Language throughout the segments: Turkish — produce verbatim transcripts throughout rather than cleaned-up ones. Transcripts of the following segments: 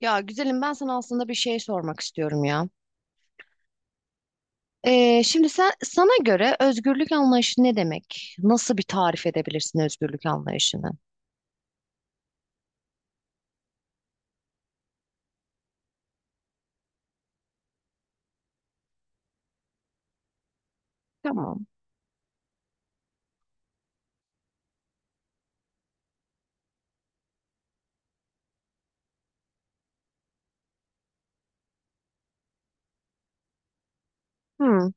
Ya güzelim ben sana aslında bir şey sormak istiyorum ya. Ee, şimdi sen sana göre özgürlük anlayışı ne demek? Nasıl bir tarif edebilirsin özgürlük anlayışını? Tamam. Hmm.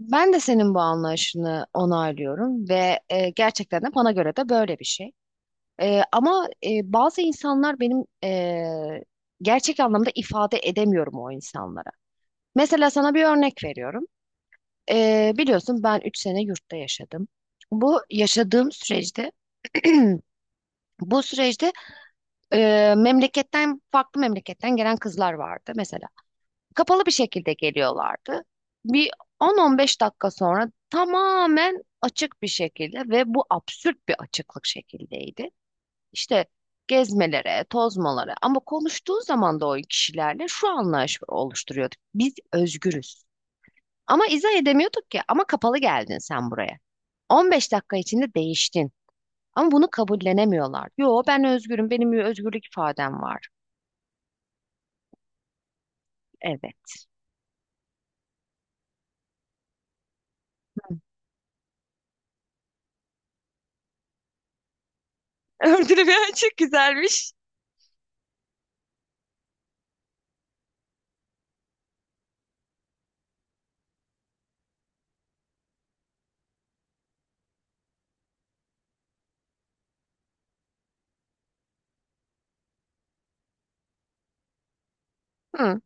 Ben de senin bu anlayışını onaylıyorum ve e, gerçekten de bana göre de böyle bir şey. E, ama e, bazı insanlar benim e, gerçek anlamda ifade edemiyorum o insanlara. Mesela sana bir örnek veriyorum. E, biliyorsun ben üç sene yurtta yaşadım. Bu yaşadığım süreçte bu süreçte e, memleketten farklı memleketten gelen kızlar vardı mesela. Kapalı bir şekilde geliyorlardı. Bir on on beş dakika sonra tamamen açık bir şekilde ve bu absürt bir açıklık şekildeydi. İşte gezmelere, tozmalara ama konuştuğu zaman da o kişilerle şu anlayış oluşturuyorduk. Biz özgürüz. Ama izah edemiyorduk ki ama kapalı geldin sen buraya. on beş dakika içinde değiştin. Ama bunu kabullenemiyorlar. Yo ben özgürüm, benim özgürlük ifadem var. Evet. Öldürmeyen çok güzelmiş. Hı,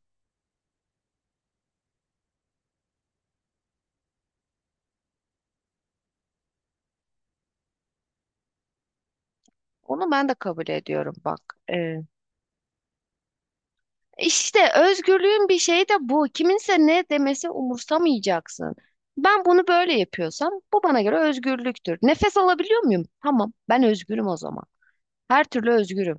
onu ben de kabul ediyorum bak. Ee, işte özgürlüğün bir şeyi de bu. Kiminse ne demesi umursamayacaksın. Ben bunu böyle yapıyorsam bu bana göre özgürlüktür. Nefes alabiliyor muyum? Tamam, ben özgürüm o zaman. Her türlü özgürüm.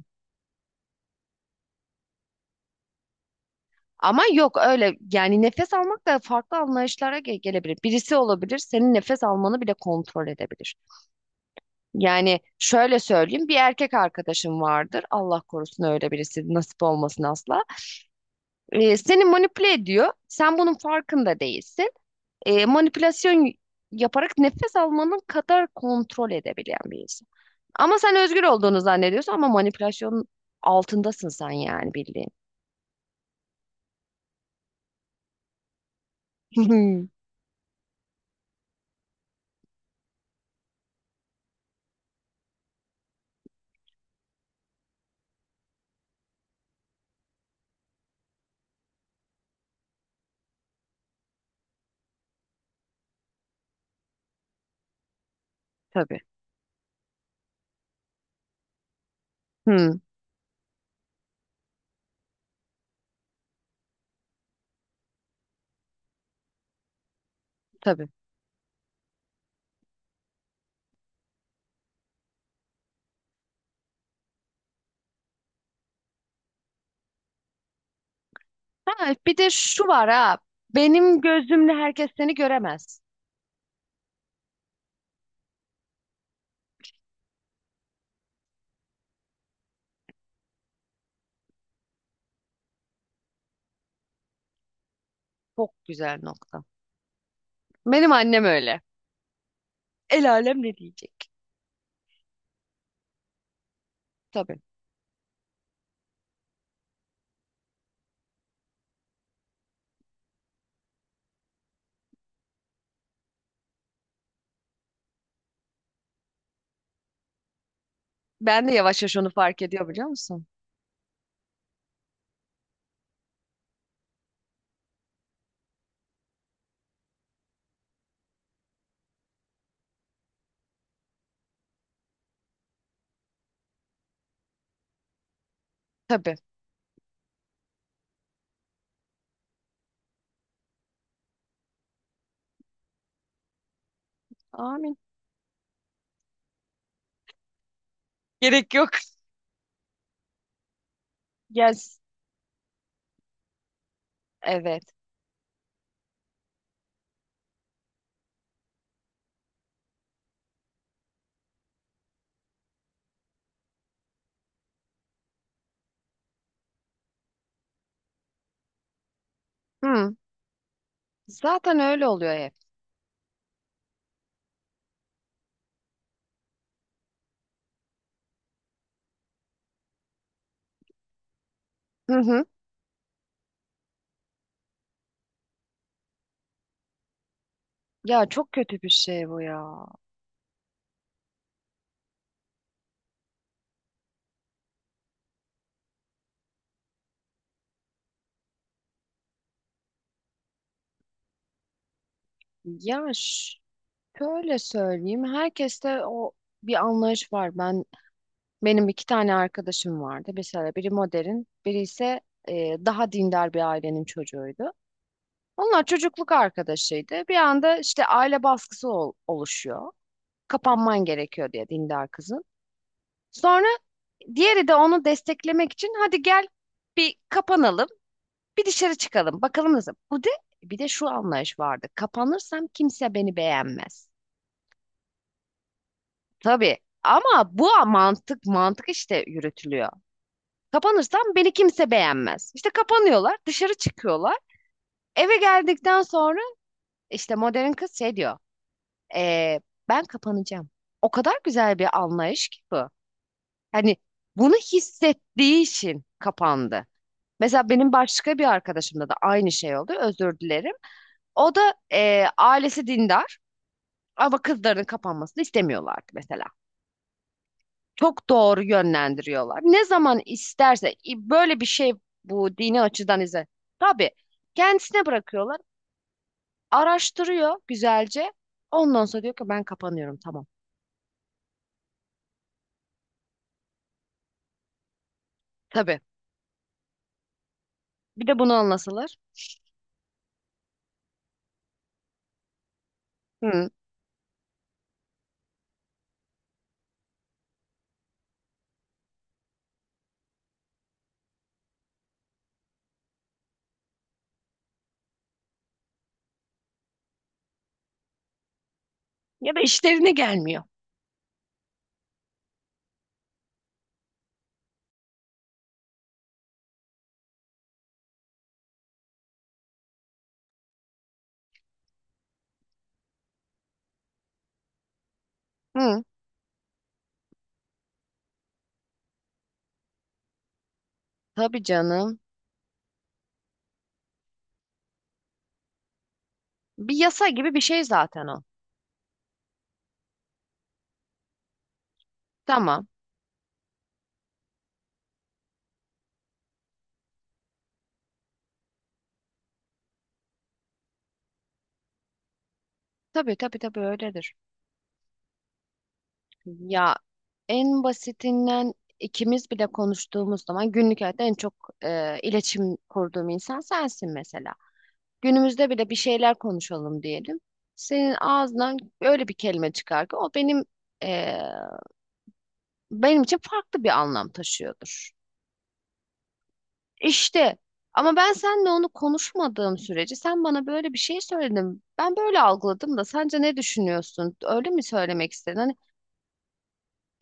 Ama yok öyle yani nefes almak da farklı anlayışlara ge- gelebilir. Birisi olabilir, senin nefes almanı bile kontrol edebilir. Yani şöyle söyleyeyim bir erkek arkadaşım vardır. Allah korusun öyle birisi nasip olmasın asla. Ee, seni manipüle ediyor. Sen bunun farkında değilsin. Ee, manipülasyon yaparak nefes almanın kadar kontrol edebilen bir insan. Ama sen özgür olduğunu zannediyorsun ama manipülasyonun altındasın sen yani bildiğin. Hmm, tabii. Hmm, tabii. Ha, bir de şu var ha. Benim gözümle herkes seni göremez. Çok güzel nokta. Benim annem öyle. El alem ne diyecek? Tabii. Ben de yavaş yavaş onu fark ediyor biliyor musun? Tabii. Amin. Gerek yok. Yes. Evet. Hı. Zaten öyle oluyor hep. Hı hı. Ya çok kötü bir şey bu ya. Ya ş- Şöyle söyleyeyim. Herkeste o bir anlayış var. Ben benim iki tane arkadaşım vardı. Mesela biri modern, biri ise e, daha dindar bir ailenin çocuğuydu. Onlar çocukluk arkadaşıydı. Bir anda işte aile baskısı ol- oluşuyor. Kapanman gerekiyor diye dindar kızın. Sonra diğeri de onu desteklemek için hadi gel bir kapanalım, bir dışarı çıkalım. Bakalım nasıl. Bu de bir de şu anlayış vardı. Kapanırsam kimse beni beğenmez. Tabii ama bu mantık mantık işte yürütülüyor. Kapanırsam beni kimse beğenmez. İşte kapanıyorlar, dışarı çıkıyorlar. Eve geldikten sonra işte modern kız şey diyor. "Ee, Ben kapanacağım. O kadar güzel bir anlayış ki bu. Hani bunu hissettiği için kapandı. Mesela benim başka bir arkadaşımda da aynı şey oldu. Özür dilerim. O da e, ailesi dindar ama kızlarının kapanmasını istemiyorlardı mesela. Çok doğru yönlendiriyorlar. Ne zaman isterse i- böyle bir şey bu dini açıdan izle. Tabii kendisine bırakıyorlar. Araştırıyor güzelce. Ondan sonra diyor ki ben kapanıyorum tamam. Tabii. Bir de bunu anlasalar. Hı. Ya da işlerine gelmiyor. Hı. Tabii canım. Bir yasa gibi bir şey zaten o. Tamam. Tabii tabii tabii öyledir. Ya en basitinden ikimiz bile konuştuğumuz zaman günlük hayatta en çok e, iletişim kurduğum insan sensin mesela. Günümüzde bile bir şeyler konuşalım diyelim. Senin ağzından öyle bir kelime çıkar ki o benim e, benim için farklı bir anlam taşıyordur. İşte ama ben seninle onu konuşmadığım sürece sen bana böyle bir şey söyledin. Ben böyle algıladım da sence ne düşünüyorsun? Öyle mi söylemek istedin?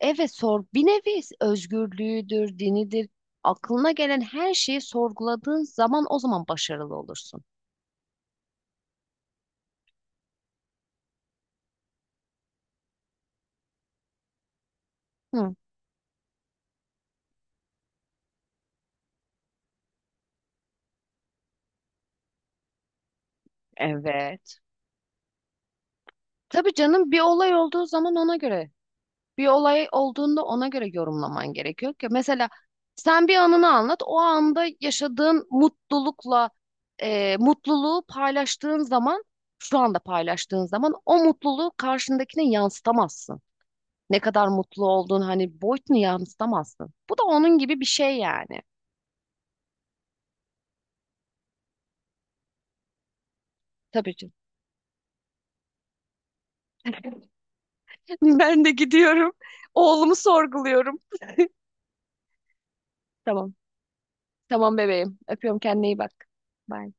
Evet sor bir nevi özgürlüğüdür, dinidir. Aklına gelen her şeyi sorguladığın zaman o zaman başarılı olursun. Hı. Evet. Tabii canım bir olay olduğu zaman ona göre, bir olay olduğunda ona göre yorumlaman gerekiyor ki mesela sen bir anını anlat, o anda yaşadığın mutlulukla e, mutluluğu paylaştığın zaman, şu anda paylaştığın zaman o mutluluğu karşındakine yansıtamazsın. Ne kadar mutlu olduğun hani boyutunu yansıtamazsın. Bu da onun gibi bir şey yani. Tabii ki. Ben de gidiyorum. Oğlumu sorguluyorum. Tamam. Tamam bebeğim. Öpüyorum kendine iyi bak. Bye.